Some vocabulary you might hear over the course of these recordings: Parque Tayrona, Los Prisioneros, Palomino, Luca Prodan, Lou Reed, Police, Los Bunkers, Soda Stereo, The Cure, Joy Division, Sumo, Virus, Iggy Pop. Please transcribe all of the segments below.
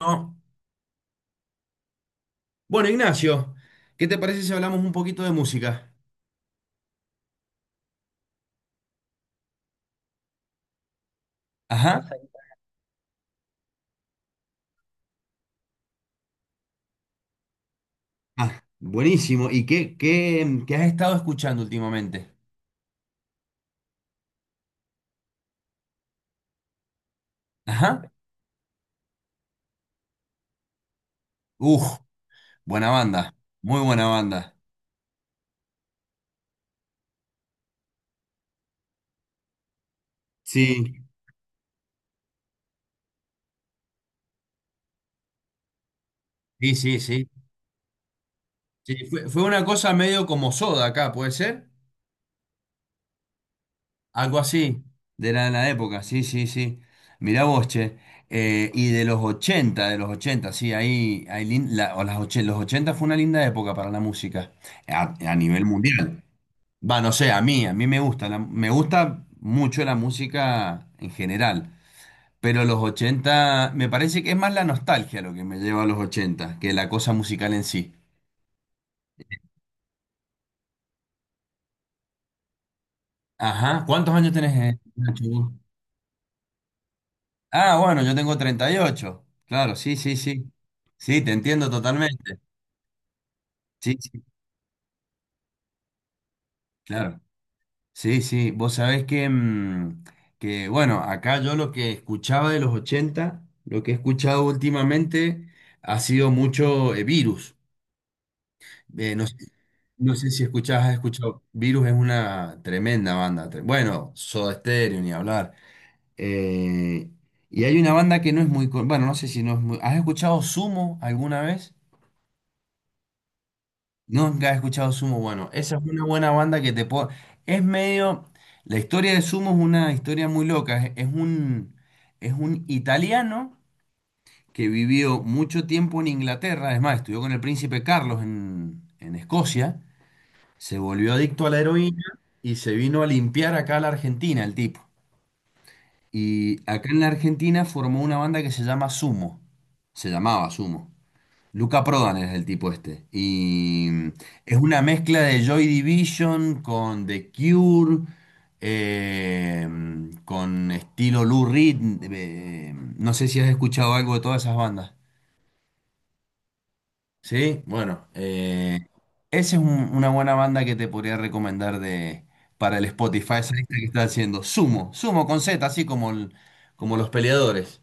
No. Bueno, Ignacio, ¿qué te parece si hablamos un poquito de música? Ajá. Perfecto. Ah, buenísimo. ¿Y qué has estado escuchando últimamente? Ajá. Uf, buena banda. Muy buena banda. Sí, sí, sí, sí. Sí, fue una cosa medio como Soda acá, ¿puede ser? Algo así. De la época, sí, sí, sí. Mirá vos, che. Y de los 80, de los ochenta, sí, ahí, ahí lin- la- o las och- los 80 fue una linda época para la música a nivel mundial. Va, no sé, a mí me gusta, me gusta mucho la música en general, pero los 80 me parece que es más la nostalgia lo que me lleva a los ochenta que la cosa musical en sí. Ajá, ¿cuántos años tenés, Nacho? ¿Vos? Ah, bueno, yo tengo 38. Claro, sí, sí, sí. Sí, te entiendo totalmente. Sí, sí, claro. Sí, sí, vos sabés que, bueno, acá yo lo que escuchaba de los ochenta, lo que he escuchado últimamente ha sido mucho Virus. No sé, no sé si escuchás, has escuchado. Virus es una tremenda banda. Bueno, Soda Stereo, ni hablar. Eh, y hay una banda que no es muy. Bueno, no sé si no es muy. ¿Has escuchado Sumo alguna vez? ¿No? Nunca has escuchado Sumo. Bueno, esa es una buena banda que te puedo. Es medio. La historia de Sumo es una historia muy loca. Es un italiano que vivió mucho tiempo en Inglaterra. Es más, estudió con el príncipe Carlos en Escocia. Se volvió adicto a la heroína y se vino a limpiar acá a la Argentina el tipo. Y acá en la Argentina formó una banda que se llama Sumo. Se llamaba Sumo. Luca Prodan es el tipo este. Y es una mezcla de Joy Division con The Cure, eh, con estilo Lou Reed. No sé si has escuchado algo de todas esas bandas. Sí, bueno, esa es un- una buena banda que te podría recomendar de, para el Spotify, esa lista que está haciendo. Sumo, Sumo con Z, así como, como los peleadores.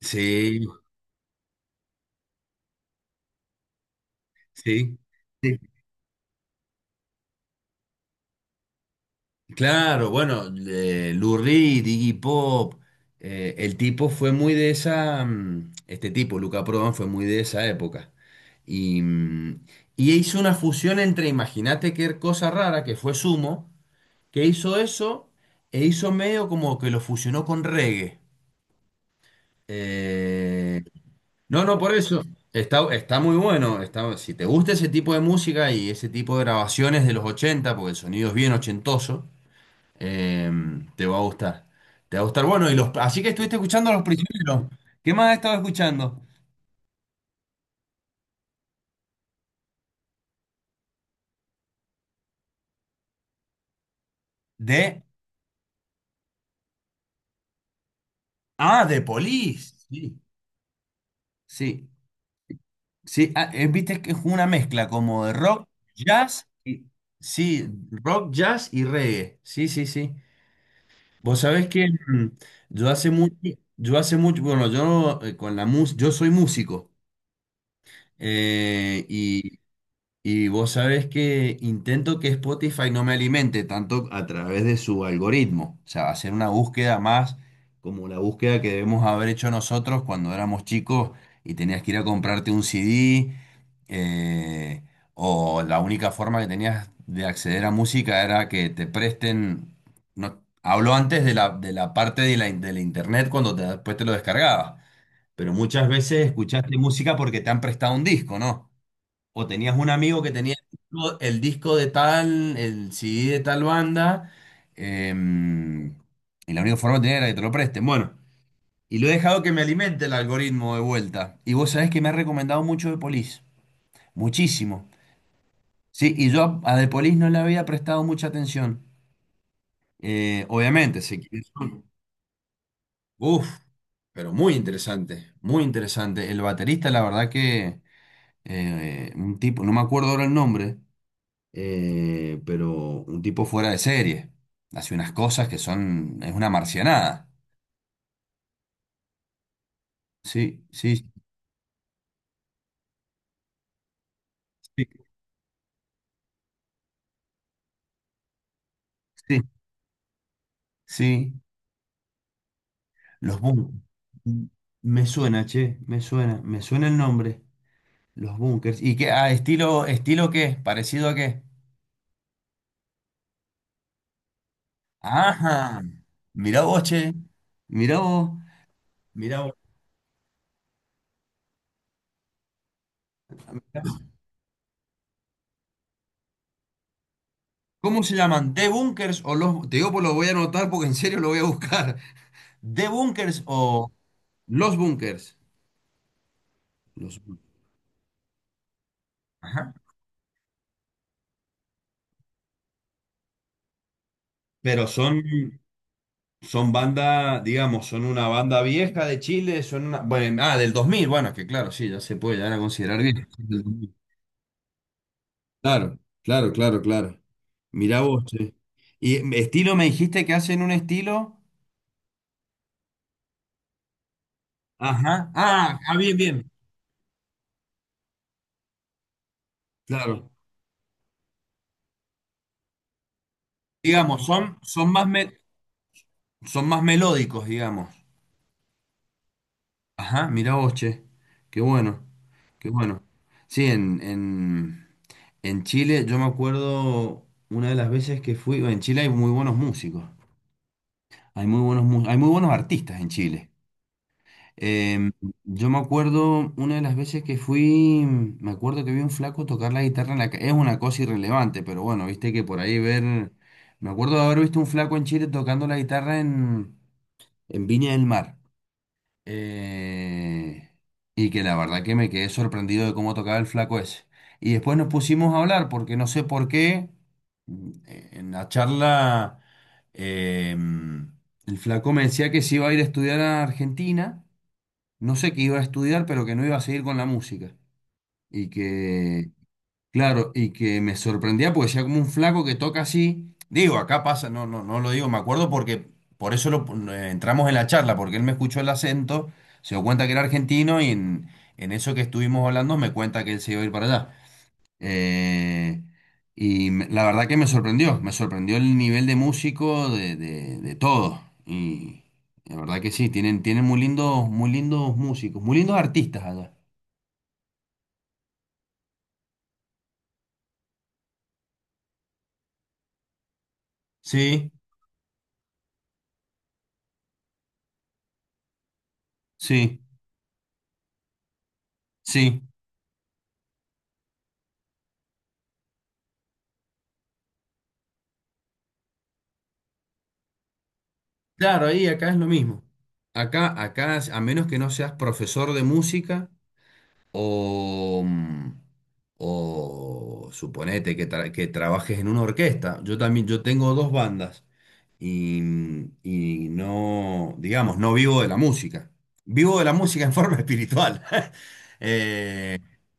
Sí, sí, sí. Claro, bueno, Lou Reed, Iggy Pop, el tipo fue muy de esa, este tipo, Luca Prodan, fue muy de esa época. Y, y hizo una fusión entre, imagínate qué cosa rara que fue Sumo que hizo eso e hizo medio como que lo fusionó con reggae. Eh, no, no, por eso. Está, está muy bueno. Está, si te gusta ese tipo de música y ese tipo de grabaciones de los 80 porque el sonido es bien ochentoso, eh, te va a gustar. Te va a gustar. Bueno, y los, así que estuviste escuchando a Los Prisioneros. ¿Qué más has estado escuchando? De... Ah, de Police. Sí, sí. Sí, ah, viste que es una mezcla como de rock, jazz y sí, rock, jazz y reggae. Sí, sí, sí. Vos sabés que yo hace mucho, yo hace mucho, bueno, yo con la música, yo soy músico eh, y y vos sabés que intento que Spotify no me alimente tanto a través de su algoritmo, o sea, hacer una búsqueda más como la búsqueda que debemos haber hecho nosotros cuando éramos chicos y tenías que ir a comprarte un CD, eh, o la única forma que tenías de acceder a música era que te presten, no, hablo antes de la parte de la, de la internet cuando después te lo descargabas, pero muchas veces escuchaste música porque te han prestado un disco, ¿no? O tenías un amigo que tenía el disco de tal, el CD de tal banda, em, y la única forma de tener era que te lo presten. Bueno, y lo he dejado que me alimente el algoritmo de vuelta. Y vos sabés que me ha recomendado mucho de Police, muchísimo. Sí, y yo a de Police no le había prestado mucha atención. Obviamente, sé quiénes son. Uf, pero muy interesante, muy interesante. El baterista, la verdad que un tipo, no me acuerdo ahora el nombre, pero un tipo fuera de serie. Hace unas cosas que son, es una marcianada. Sí, sí, sí, sí, sí. Los bunkers. Me suena, che, me suena el nombre. Los bunkers. ¿Y qué? Ah, estilo, estilo qué, parecido a qué. Ajá. Mirá vos, che. Mirá vos, mirá vos. ¿Cómo se llaman? ¿The Bunkers o los...? Te digo, pues lo voy a anotar porque en serio lo voy a buscar. ¿The Bunkers o los Bunkers? Los... Ajá. Pero son, son banda, digamos, son una banda vieja de Chile, son una, bueno, ah, del 2000, bueno, que claro, sí, ya se puede llegar a considerar vieja. Son del 2000. Claro, claro, claro, claro. Mirá vos, che. Y estilo, me dijiste que hacen un estilo. Ajá. Ah, ah, bien, bien. Claro. Digamos, son, son más melódicos, digamos. Ajá, mirá vos, che. Qué bueno, qué bueno. Sí, en Chile, yo me acuerdo una de las veces que fui, en Chile hay muy buenos músicos, hay muy buenos, hay muy buenos artistas en Chile. Em, yo me acuerdo una de las veces que fui, me acuerdo que vi un flaco tocar la guitarra en la calle, es una cosa irrelevante, pero bueno, viste que por ahí ver, me acuerdo de haber visto un flaco en Chile tocando la guitarra en Viña del Mar. Eh, y que la verdad que me quedé sorprendido de cómo tocaba el flaco ese. Y después nos pusimos a hablar porque no sé por qué en la charla eh, mm, el flaco me decía que se iba a ir a estudiar a Argentina, no sé qué iba a estudiar, pero que no iba a seguir con la música. Y que claro, y que me sorprendía porque decía como un flaco que toca así. Digo, acá pasa, no, no, no lo digo, me acuerdo porque por eso lo, entramos en la charla, porque él me escuchó el acento, se dio cuenta que era argentino y en eso que estuvimos hablando me cuenta que él se iba a ir para allá. Eh, la verdad que me sorprendió el nivel de músico de todo. Y la verdad que sí, tienen, tienen muy lindos músicos, muy lindos artistas allá. Sí, sí, sí. Claro, ahí acá es lo mismo. Acá, acá, a menos que no seas profesor de música o, o suponete que, que trabajes en una orquesta. Yo también, yo tengo dos bandas y, y no, digamos, no vivo de la música. Vivo de la música en forma espiritual, eh,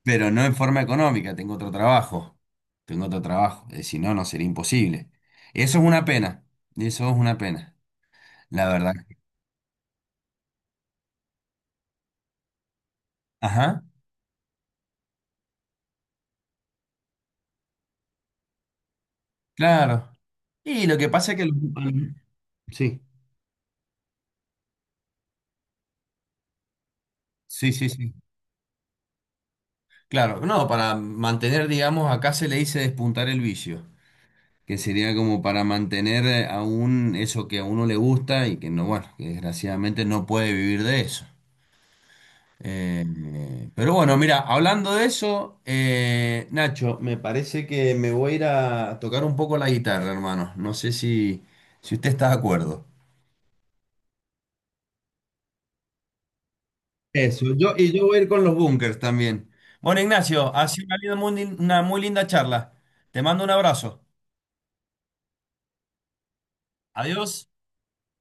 pero no en forma económica. Tengo otro trabajo. Tengo otro trabajo. Si no, no sería imposible. Eso es una pena. Eso es una pena. La verdad. Ajá. Claro. Y lo que pasa es que... Sí, sí, sí, sí. Claro, no, para mantener, digamos, acá se le dice despuntar el vicio, que sería como para mantener aún eso que a uno le gusta y que no, bueno, que desgraciadamente no puede vivir de eso. Pero bueno, mira, hablando de eso, Nacho, me parece que me voy a ir a tocar un poco la guitarra, hermano. No sé si, si usted está de acuerdo. Eso, yo, y yo voy a ir con los bunkers también. Bueno, Ignacio, ha sido una muy linda charla. Te mando un abrazo. Adiós.